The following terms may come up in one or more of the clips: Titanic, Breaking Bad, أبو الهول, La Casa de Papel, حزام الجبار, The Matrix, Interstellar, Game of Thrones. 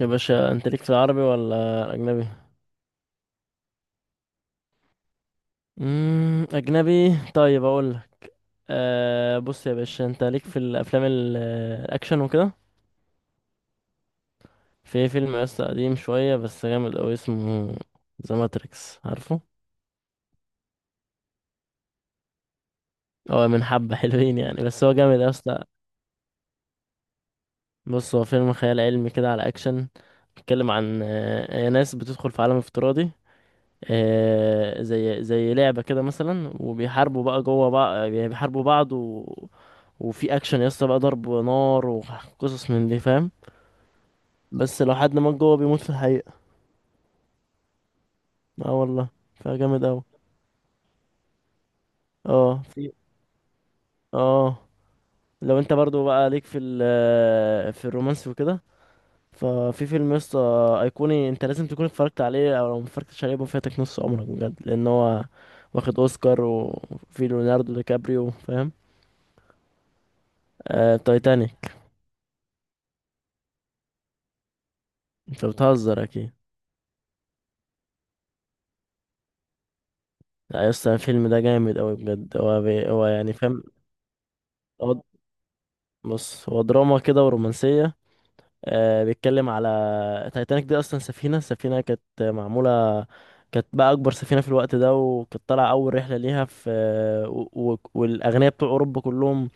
يا باشا انت ليك في العربي ولا اجنبي؟ اجنبي، طيب اقول لك. بص يا باشا انت ليك في الافلام الاكشن وكده؟ في فيلم لسه قديم شويه بس جامد قوي اسمه ذا ماتريكس، عارفه؟ هو من حبه حلوين يعني بس هو جامد اصلا. بص، هو فيلم خيال علمي كده على اكشن، بيتكلم عن ناس بتدخل في عالم افتراضي، زي لعبة كده مثلا، وبيحاربوا بقى جوه بقى، يعني بيحاربوا بعض، وفي اكشن يا اسطى بقى، ضرب نار وقصص من دي فاهم. بس لو حد مات جوه بيموت في الحقيقة. اه والله. فجامد اوي. اه، في. اه. لو انت برضو بقى ليك في ال في الرومانسي وكده، ففي فيلم يا اسطى ايقوني، انت لازم تكون اتفرجت عليه، او لو متفرجتش عليه يبقى فاتك نص عمرك بجد، لان هو واخد اوسكار، وفي ليوناردو دي كابريو، فاهم؟ تايتانيك. انت بتهزر اكيد. لا يا اسطى الفيلم ده جامد اوي بجد، هو يعني فاهم. هو، بص هو دراما كده ورومانسية. آه بيتكلم على تايتانيك دي، اصلا السفينة كانت معمولة، كانت بقى اكبر سفينة في الوقت ده، وكانت طالعة اول رحلة ليها في والاغنياء بتوع اوروبا كلهم،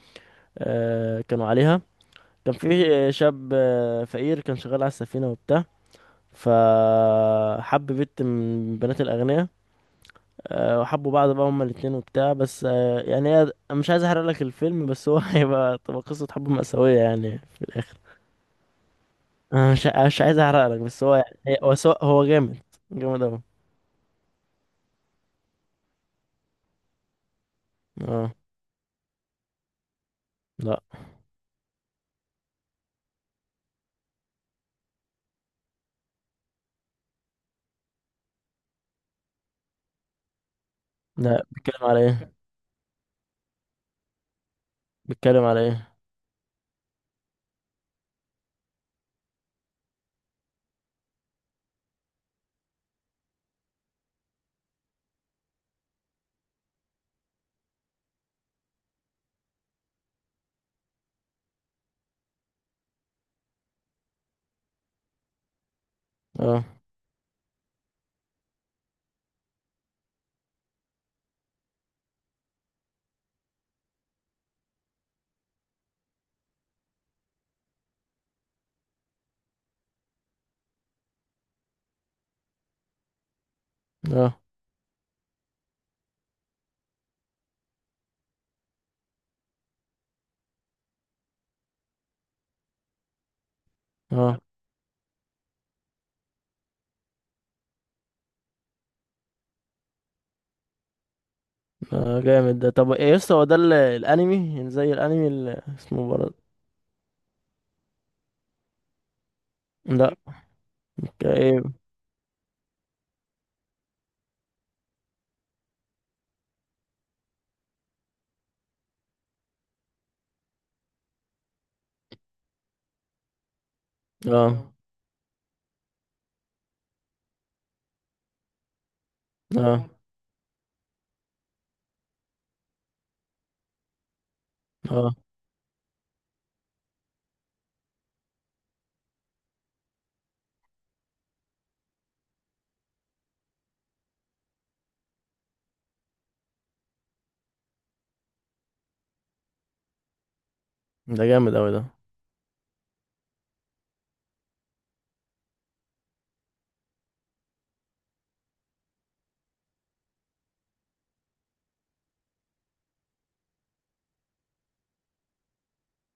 آه كانوا عليها. كان في شاب فقير، كان شغال على السفينة وبتاع، فحب بنت من بنات الأغنياء، وحبوا بعض بقى هما الاتنين وبتاع، بس يعني هي، أنا مش عايز احرق لك الفيلم بس هو تبقى قصة حب مأساوية يعني في الآخر. أنا مش عايز احرق لك، بس هو يعني هو جامد، جامد أوي. اه. لا لا. بيتكلم على ايه؟ بيتكلم على ايه؟ اه. اه. اه. آه، جامد ده. طب ايه يسطا؟ هو ده الانمي، يعني زي الانمي اللي اسمه برضه؟ لا. ايه. اه. اه. اه. ده جامد أوي ده.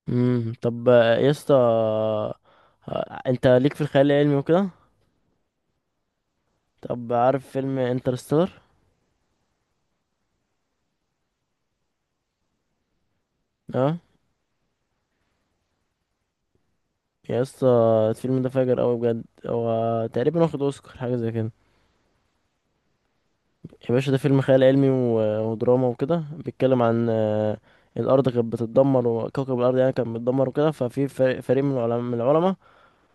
طب، يا اسطى، انت ليك في الخيال العلمي وكده؟ طب عارف فيلم انترستيلر؟ اه. يا اسطى الفيلم ده فاجر قوي بجد، هو تقريبا واخد اوسكار حاجه زي كده. يا باشا ده فيلم خيال علمي ودراما وكده، بيتكلم عن الارض كانت بتتدمر، وكوكب الارض يعني كان بيتدمر وكده، ففي فريق من العلماء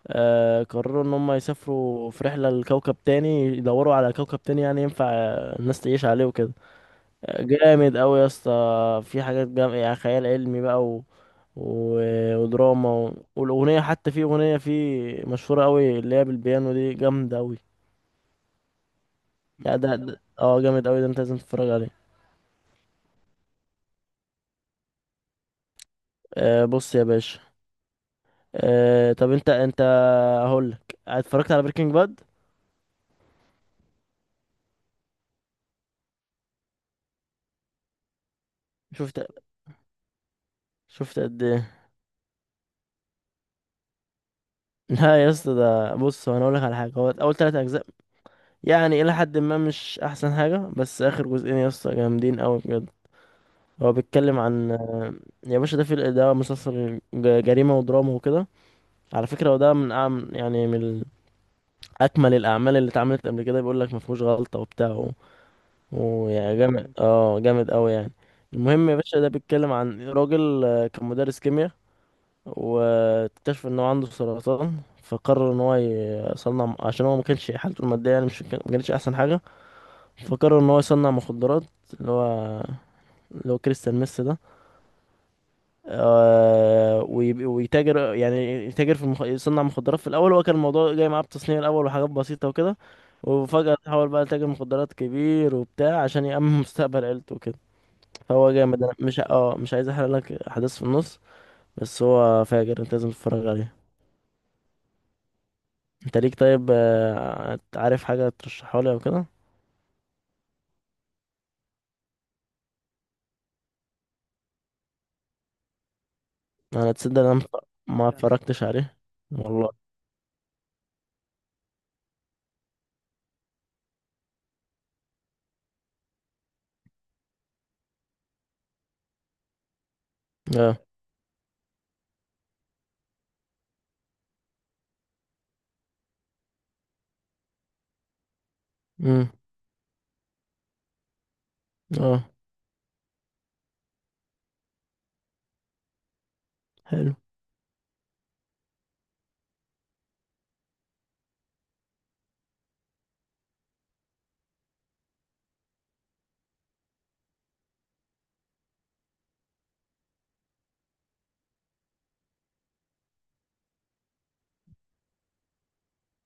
قرروا ان هم يسافروا في رحله لكوكب تاني، يدوروا على كوكب تاني يعني ينفع الناس تعيش عليه وكده. جامد قوي يا اسطى، في حاجات يعني خيال علمي بقى و... ودراما والاغنيه، حتى في اغنيه فيه مشهوره قوي اللي هي بالبيانو دي جامده قوي، يعني جامد قوي ده، انت لازم تتفرج عليه. بص يا باشا، طب انت هقول لك، اتفرجت على بريكنج باد؟ شفت شفت قد ايه؟ لا يا اسطى، ده بص هو انا اقول لك على حاجه، هو اول 3 اجزاء يعني الى حد ما مش احسن حاجه، بس اخر جزئين يا اسطى جامدين قوي بجد. هو بيتكلم عن، يا باشا ده في ده مسلسل جريمة ودراما وكده، على فكرة هو ده من يعني أكمل الأعمال اللي اتعملت قبل كده، بيقول لك ما فيهوش غلطة وبتاع ويعني جامد، اه جامد أوي يعني. المهم يا باشا، ده بيتكلم عن راجل كان مدرس كيمياء، واكتشف إن هو عنده سرطان، فقرر إن هو يصنع، عشان هو ما كانش حالته المادية يعني مش، ما كانتش أحسن حاجة، فقرر إن هو يصنع مخدرات، اللي هو اللي هو كريستال ميسي ده. ويتاجر يعني، يتاجر في يصنع مخدرات في الاول، هو كان الموضوع جاي معاه بتصنيع الاول وحاجات بسيطه وكده، وفجاه تحول بقى لتاجر مخدرات كبير وبتاع، عشان يأمن مستقبل عيلته وكده. فهو جامد، انا مش عايز احرق لك احداث في النص، بس هو فاجر، انت لازم تتفرج عليه. انت ليك طيب عارف حاجه ترشحها لي او كده؟ انا تصدق، انا ما اتفرجتش عليه. والله. اه. امم. اه. حلو.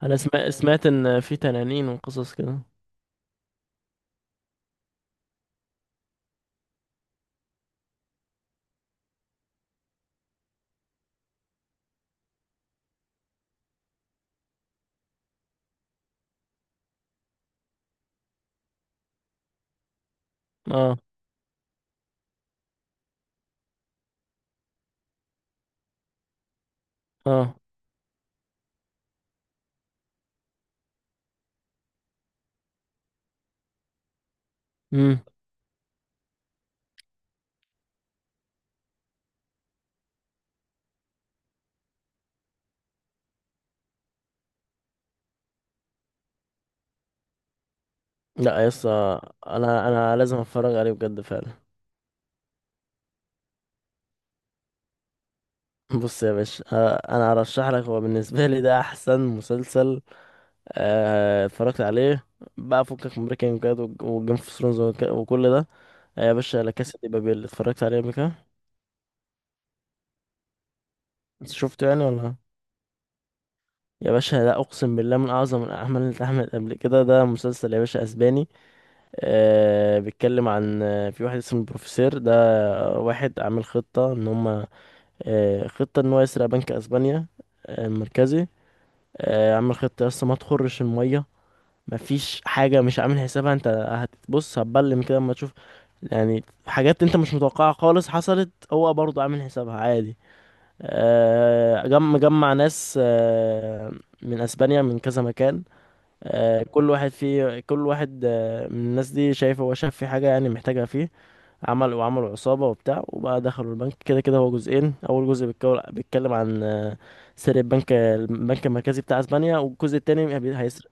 انا سمعت ان في تنانين وقصص كده. اه. اه. امم. لا يا اسطى، انا لازم اتفرج عليه بجد فعلا. بص يا باشا انا هرشح لك، هو بالنسبه لي ده احسن مسلسل اتفرجت عليه، بقى فكك من بريكنج باد وجيم اوف ثرونز وكل ده، يا باشا لا كاسا دي بابيل، اتفرجت عليه قبل كده؟ شفته يعني ولا؟ يا باشا ده اقسم بالله من اعظم الاعمال اللي اتعملت قبل كده، ده مسلسل يا باشا اسباني، بيتكلم عن في واحد اسمه البروفيسور ده، واحد عامل خطه ان هم، خطة ان هو يسرق بنك اسبانيا المركزي، عامل خطة لسه ما تخرش المية، مفيش حاجة مش عامل حسابها، انت هتبص هتبلم كده اما تشوف، يعني حاجات انت مش متوقعها خالص حصلت هو برضه عامل حسابها عادي. مجمع ناس من اسبانيا من كذا مكان، كل واحد من الناس دي، شايف هو شاف في حاجة يعني محتاجها فيه، وعملوا عصابة وبتاع، وبقى دخلوا البنك، كده كده هو جزئين، أول جزء بيتكلم عن سرقة البنك المركزي بتاع أسبانيا، والجزء التاني هيسرق.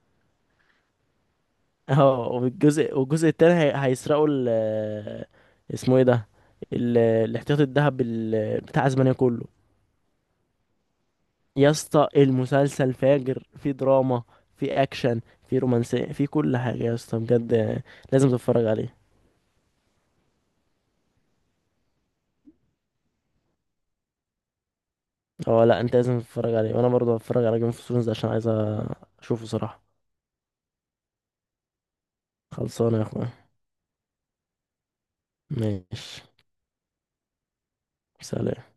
اه، والجزء التاني هيسرقوا ال آه، اسمه ايه ده، الاحتياطي الذهب بتاع أسبانيا كله. يا اسطى المسلسل فاجر، في دراما، في أكشن، في رومانسية، في كل حاجة يا اسطى بجد، لازم تتفرج عليه. اه، لا، انت لازم تتفرج عليه، وانا برضه هتفرج على جيم اوف ثرونز عشان عايز اشوفه صراحة. خلصانة يا اخويا. ماشي. سلام.